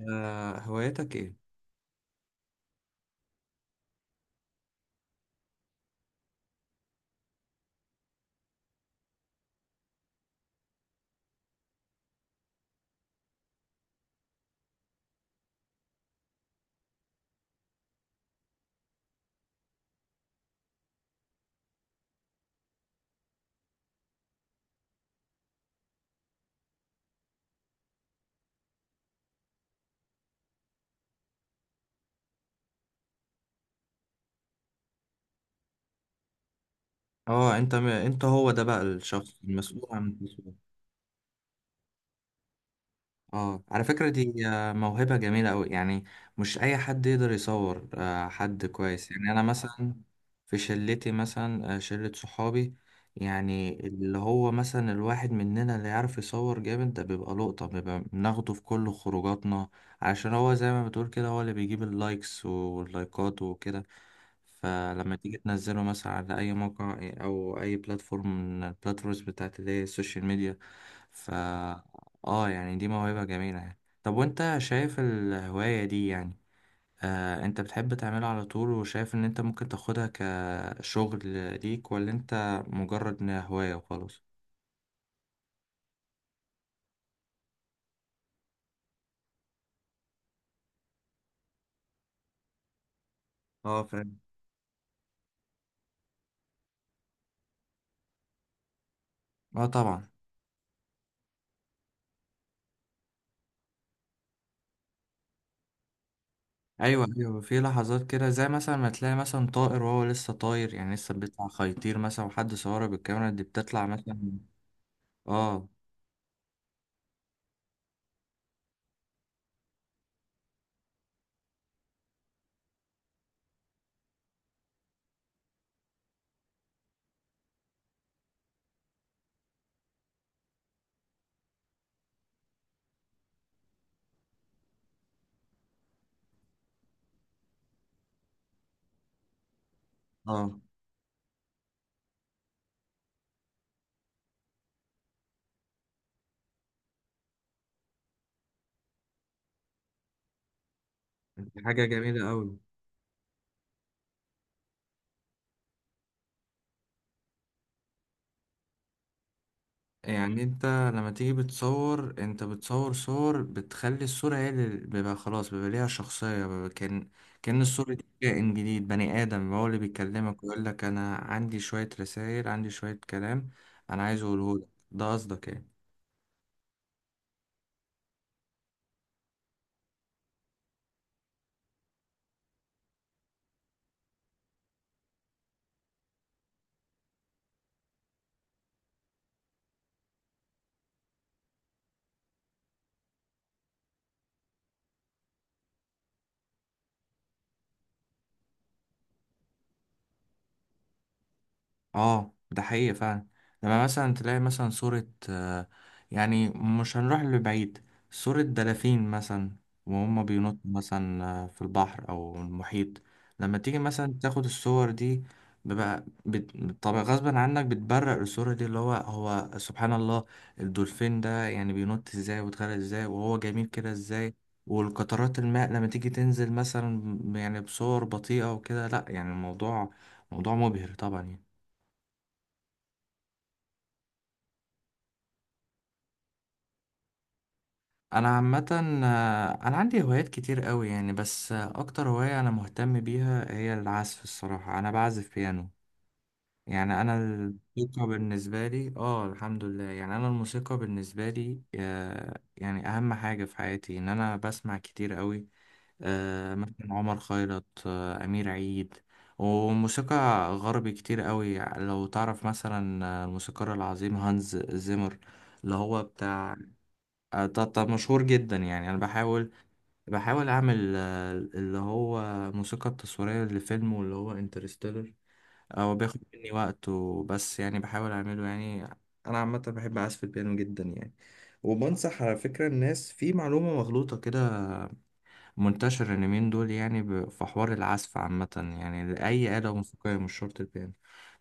آه هوايتك ايه؟ اه انت هو ده بقى الشخص المسؤول عن التسويق. اه على فكرة دي موهبة جميلة أوي يعني. مش أي حد يقدر يصور، حد كويس يعني. أنا مثلا في شلتي مثلا، شلة صحابي، يعني اللي هو مثلا الواحد مننا اللي يعرف يصور جامد ده بيبقى لقطة، بيبقى بناخده في كل خروجاتنا عشان هو زي ما بتقول كده هو اللي بيجيب اللايكس واللايكات وكده. فلما تيجي تنزله مثلا على أي موقع أو أي بلاتفورم من البلاتفورمز بتاعت اللي هي السوشيال ميديا. اه يعني دي موهبة جميلة يعني. طب وانت شايف الهواية دي يعني، انت بتحب تعملها على طول وشايف ان انت ممكن تاخدها كشغل ليك، ولا انت مجرد انها هواية وخلاص؟ اه فاهم. اه طبعا. ايوه ايوه، في لحظات كده زي مثلا ما تلاقي مثلا طائر وهو لسه طاير، يعني لسه بيطلع خيطير مثلا وحد صوره بالكاميرا دي بتطلع مثلا. اه. اه دي حاجة جميلة قوي. يعني انت لما تيجي بتصور انت بتصور صور بتخلي الصورة هي اللي بيبقى خلاص بيبقى ليها شخصية، بيبقى كأن كأن الصورة دي كائن جديد، بني آدم هو اللي بيكلمك ويقول لك أنا عندي شوية رسائل، عندي شوية كلام أنا عايز أقوله لك. ده قصدك يعني. اه ده حقيقي فعلا. لما مثلا تلاقي مثلا صورة، يعني مش هنروح لبعيد، صورة دلافين مثلا وهم بينطوا مثلا، في البحر أو المحيط. لما تيجي مثلا تاخد الصور دي، بيبقى بت... طبعا غصبا عنك بتبرق الصورة دي، اللي هو هو سبحان الله، الدولفين ده يعني بينط ازاي ويتغرق ازاي وهو جميل كده ازاي. والقطرات الماء لما تيجي تنزل مثلا يعني بصور بطيئة وكده، لا يعني الموضوع موضوع مبهر طبعا. انا عامه، انا عندي هوايات كتير قوي يعني، بس اكتر هوايه انا مهتم بيها هي العزف. الصراحه انا بعزف بيانو. يعني انا الموسيقى بالنسبه لي اه الحمد لله، يعني انا الموسيقى بالنسبه لي، يعني اهم حاجه في حياتي، ان انا بسمع كتير قوي، مثلا عمر خيرت، امير عيد وموسيقى غربي كتير قوي. لو تعرف مثلا، الموسيقار العظيم هانز زيمر اللي هو بتاع، ده مشهور جدا يعني. انا بحاول اعمل، اللي هو الموسيقى التصويرية لفيلم واللي هو انترستيلر. او بياخد مني وقت وبس، يعني بحاول اعمله يعني. انا عامة بحب اعزف البيانو جدا يعني. وبنصح على فكرة الناس في معلومة مغلوطة كده منتشر اليومين دول، يعني في حوار العزف عامة يعني لأي آلة موسيقية، مش شرط البيانو،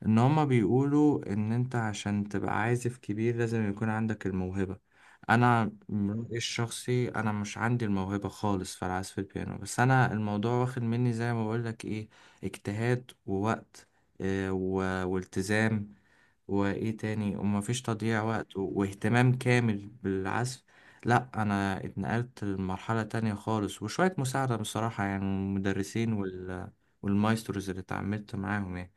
إن هما بيقولوا إن أنت عشان تبقى عازف كبير لازم يكون عندك الموهبة. أنا من رأيي الشخصي أنا مش عندي الموهبة خالص في العزف البيانو، بس أنا الموضوع واخد مني زي ما بقولك إيه، اجتهاد ووقت، والتزام وايه تاني، ومفيش تضييع وقت، واهتمام كامل بالعزف. لا انا اتنقلت لمرحلة تانية خالص، وشوية مساعدة بصراحة يعني من المدرسين والمايستروز اللي اتعاملت معاهم يعني.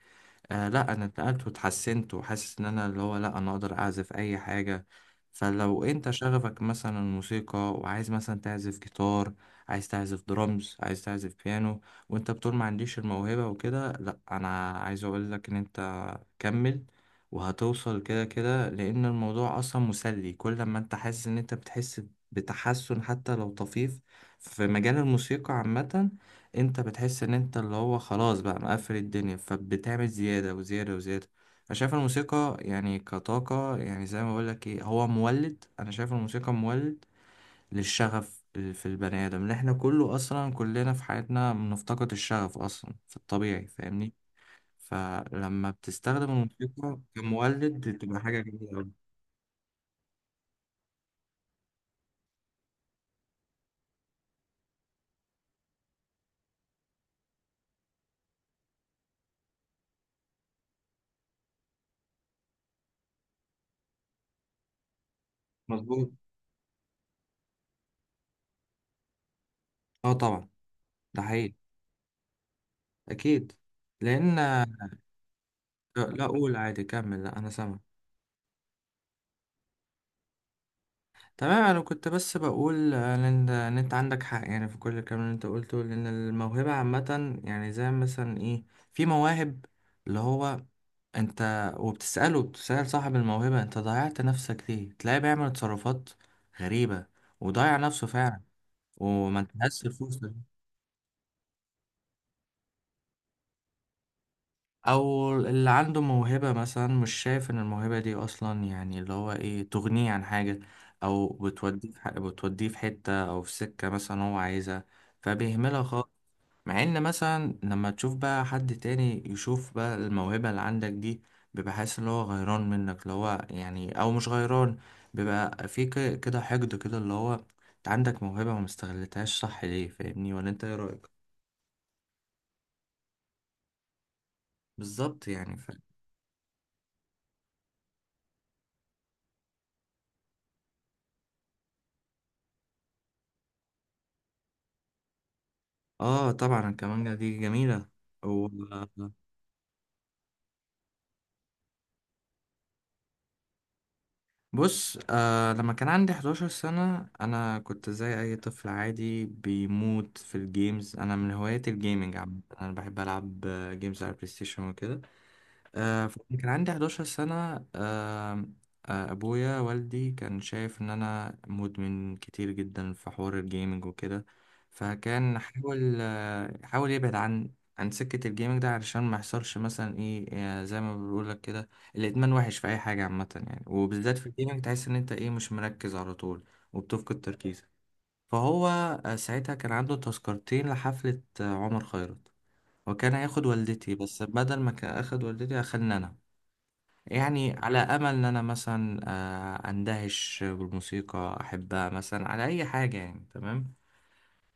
آه لا انا اتنقلت واتحسنت، وحاسس ان انا اللي هو لا انا اقدر اعزف اي حاجه. فلو انت شغفك مثلا الموسيقى، وعايز مثلا تعزف جيتار، عايز تعزف درامز، عايز تعزف بيانو، وانت بتقول ما عنديش الموهبه وكده، لا انا عايز اقول لك ان انت كمل، وهتوصل كده كده، لان الموضوع اصلا مسلي. كل ما انت حاسس ان انت بتحسن حتى لو طفيف في مجال الموسيقى عامه، انت بتحس ان انت اللي هو خلاص بقى مقفل الدنيا، فبتعمل زيادة وزيادة وزيادة. انا شايف الموسيقى يعني كطاقة، يعني زي ما بقولك ايه، هو مولد. انا شايف الموسيقى مولد للشغف، في البني ادم، لان احنا كله اصلا كلنا في حياتنا بنفتقد الشغف اصلا في الطبيعي فاهمني. فلما بتستخدم الموسيقى كمولد بتبقى حاجة جميلة أوي. مظبوط. اه طبعا. ده حقيقي. اكيد. لان، لا قول عادي كمل، لا انا سامع. تمام، انا كنت بس بقول ان انت إنت عندك حق يعني في كل الكلام اللي انت قلته، لان الموهبه عامه يعني زي مثلا ايه، في مواهب اللي هو انت بتسال صاحب الموهبه انت ضيعت نفسك ليه، تلاقيه بيعمل تصرفات غريبه وضيع نفسه فعلا، وما انتهزش الفرصه دي. او اللي عنده موهبة مثلا مش شايف ان الموهبة دي اصلا يعني اللي هو ايه تغنيه عن حاجة، او بتوديه في حتة او في سكة مثلا هو عايزها، فبيهملها خالص. مع ان مثلا لما تشوف بقى حد تاني يشوف بقى الموهبة اللي عندك دي، بيبقى حاسس ان هو غيران منك، اللي هو يعني او مش غيران، بيبقى في كده حقد كده، اللي هو انت عندك موهبة وما استغلتهاش، صح ليه فاهمني؟ ولا انت ايه رأيك؟ بالظبط يعني. اه طبعا الكمانجة دي جميلة. و... بص، آه لما كان عندي 11 سنة أنا كنت زي أي طفل عادي بيموت في الجيمز، أنا من هواياتي الجيمنج عامة، أنا بحب ألعب جيمز على البلاي ستيشن وكده. فكان عندي 11 سنة، آه، أبويا والدي كان شايف إن أنا مدمن كتير جدا في حوار الجيمنج وكده، فكان حاول يبعد عن عن سكة الجيمنج ده علشان ما يحصلش مثلا إيه، زي ما بقولك كده، الإدمان وحش في أي حاجة عامة يعني، وبالذات في الجيمنج تحس إن أنت إيه مش مركز على طول، وبتفقد تركيزك. فهو ساعتها كان عنده تذكرتين لحفلة عمر خيرت، وكان هياخد والدتي، بس بدل ما كان أخد والدتي أخدنا أنا، يعني على امل ان انا مثلا اندهش بالموسيقى احبها مثلا على اي حاجه يعني تمام.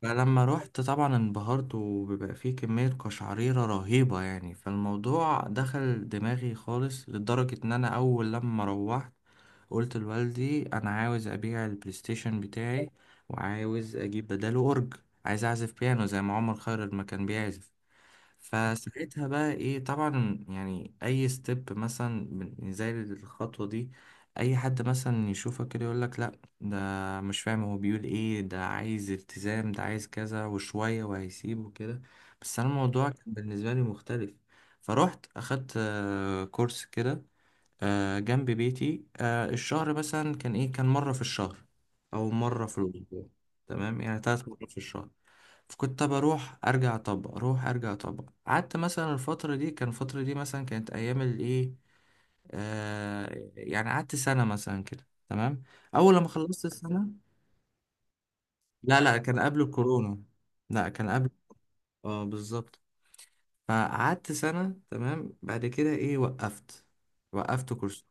فلما رحت طبعا انبهرت، وبيبقى فيه كميه قشعريره رهيبه يعني، فالموضوع دخل دماغي خالص، لدرجه ان انا اول لما روحت قلت لوالدي انا عاوز ابيع البلاي ستيشن بتاعي، وعاوز اجيب بداله اورج، عايز اعزف بيانو زي ما عمر خيرت ما كان بيعزف. فساعتها بقى ايه طبعا، يعني اي ستيب مثلا زي الخطوة دي، اي حد مثلا يشوفك كده يقولك لا ده مش فاهم هو بيقول ايه، ده عايز التزام، ده عايز كذا وشوية وهيسيب وكده، بس انا الموضوع كان بالنسبة لي مختلف. فروحت اخدت كورس كده جنب بيتي، الشهر مثلا كان ايه كان مرة في الشهر او مرة في الاسبوع، تمام، يعني ثلاث مرات في الشهر. فكنت بروح ارجع اطبق، اروح ارجع اطبق، قعدت مثلا الفتره دي، كان الفتره دي مثلا كانت ايام الايه، آه يعني قعدت سنه مثلا كده تمام. اول لما خلصت السنه، لا لا كان قبل الكورونا. لا كان قبل. اه بالظبط. فقعدت سنة تمام، بعد كده ايه وقفت، وقفت كورس،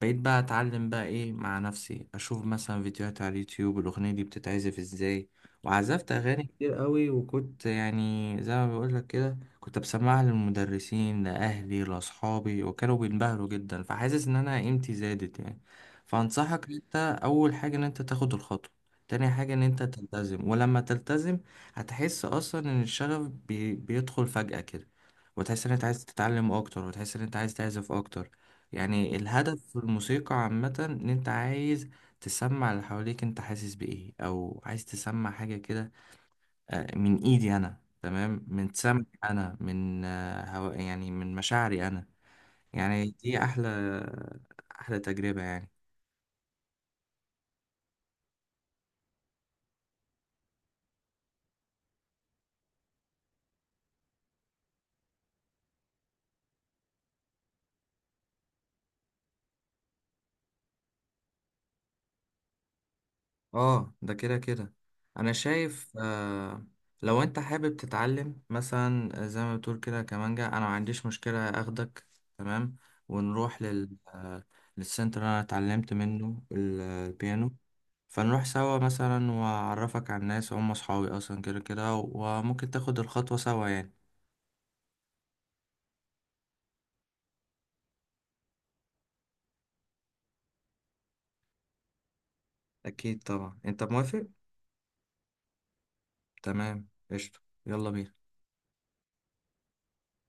بقيت بقى اتعلم بقى ايه مع نفسي، اشوف مثلا فيديوهات على اليوتيوب الاغنية دي بتتعزف ازاي. وعزفت اغاني كتير قوي، وكنت يعني زي ما بقول لك كده كنت بسمعها للمدرسين لاهلي لاصحابي وكانوا بينبهروا جدا، فحاسس ان انا قيمتي زادت يعني. فانصحك انت، اول حاجة ان انت تاخد الخطوة، تاني حاجة ان انت تلتزم، ولما تلتزم هتحس اصلا ان الشغف بيدخل فجأة كده، وتحس ان انت عايز تتعلم اكتر، وتحس ان انت عايز تعزف اكتر. يعني الهدف في الموسيقى عامة ان انت عايز تسمع اللي حواليك انت حاسس بايه، او عايز تسمع حاجة كده من ايدي انا، تمام، من سمعي انا، من هوا يعني من مشاعري انا. يعني دي احلى تجربة يعني. اه ده كده كده. انا شايف آه لو انت حابب تتعلم مثلا، زي ما بتقول كده كمانجا، انا ما عنديش مشكلة اخدك تمام، ونروح لل للسنتر اللي انا اتعلمت منه البيانو، فنروح سوا مثلا واعرفك على الناس هم اصحابي اصلا كده كده، وممكن تاخد الخطوة سوا يعني. اكيد طبعا، انت موافق؟ تمام قشطة، يلا بينا.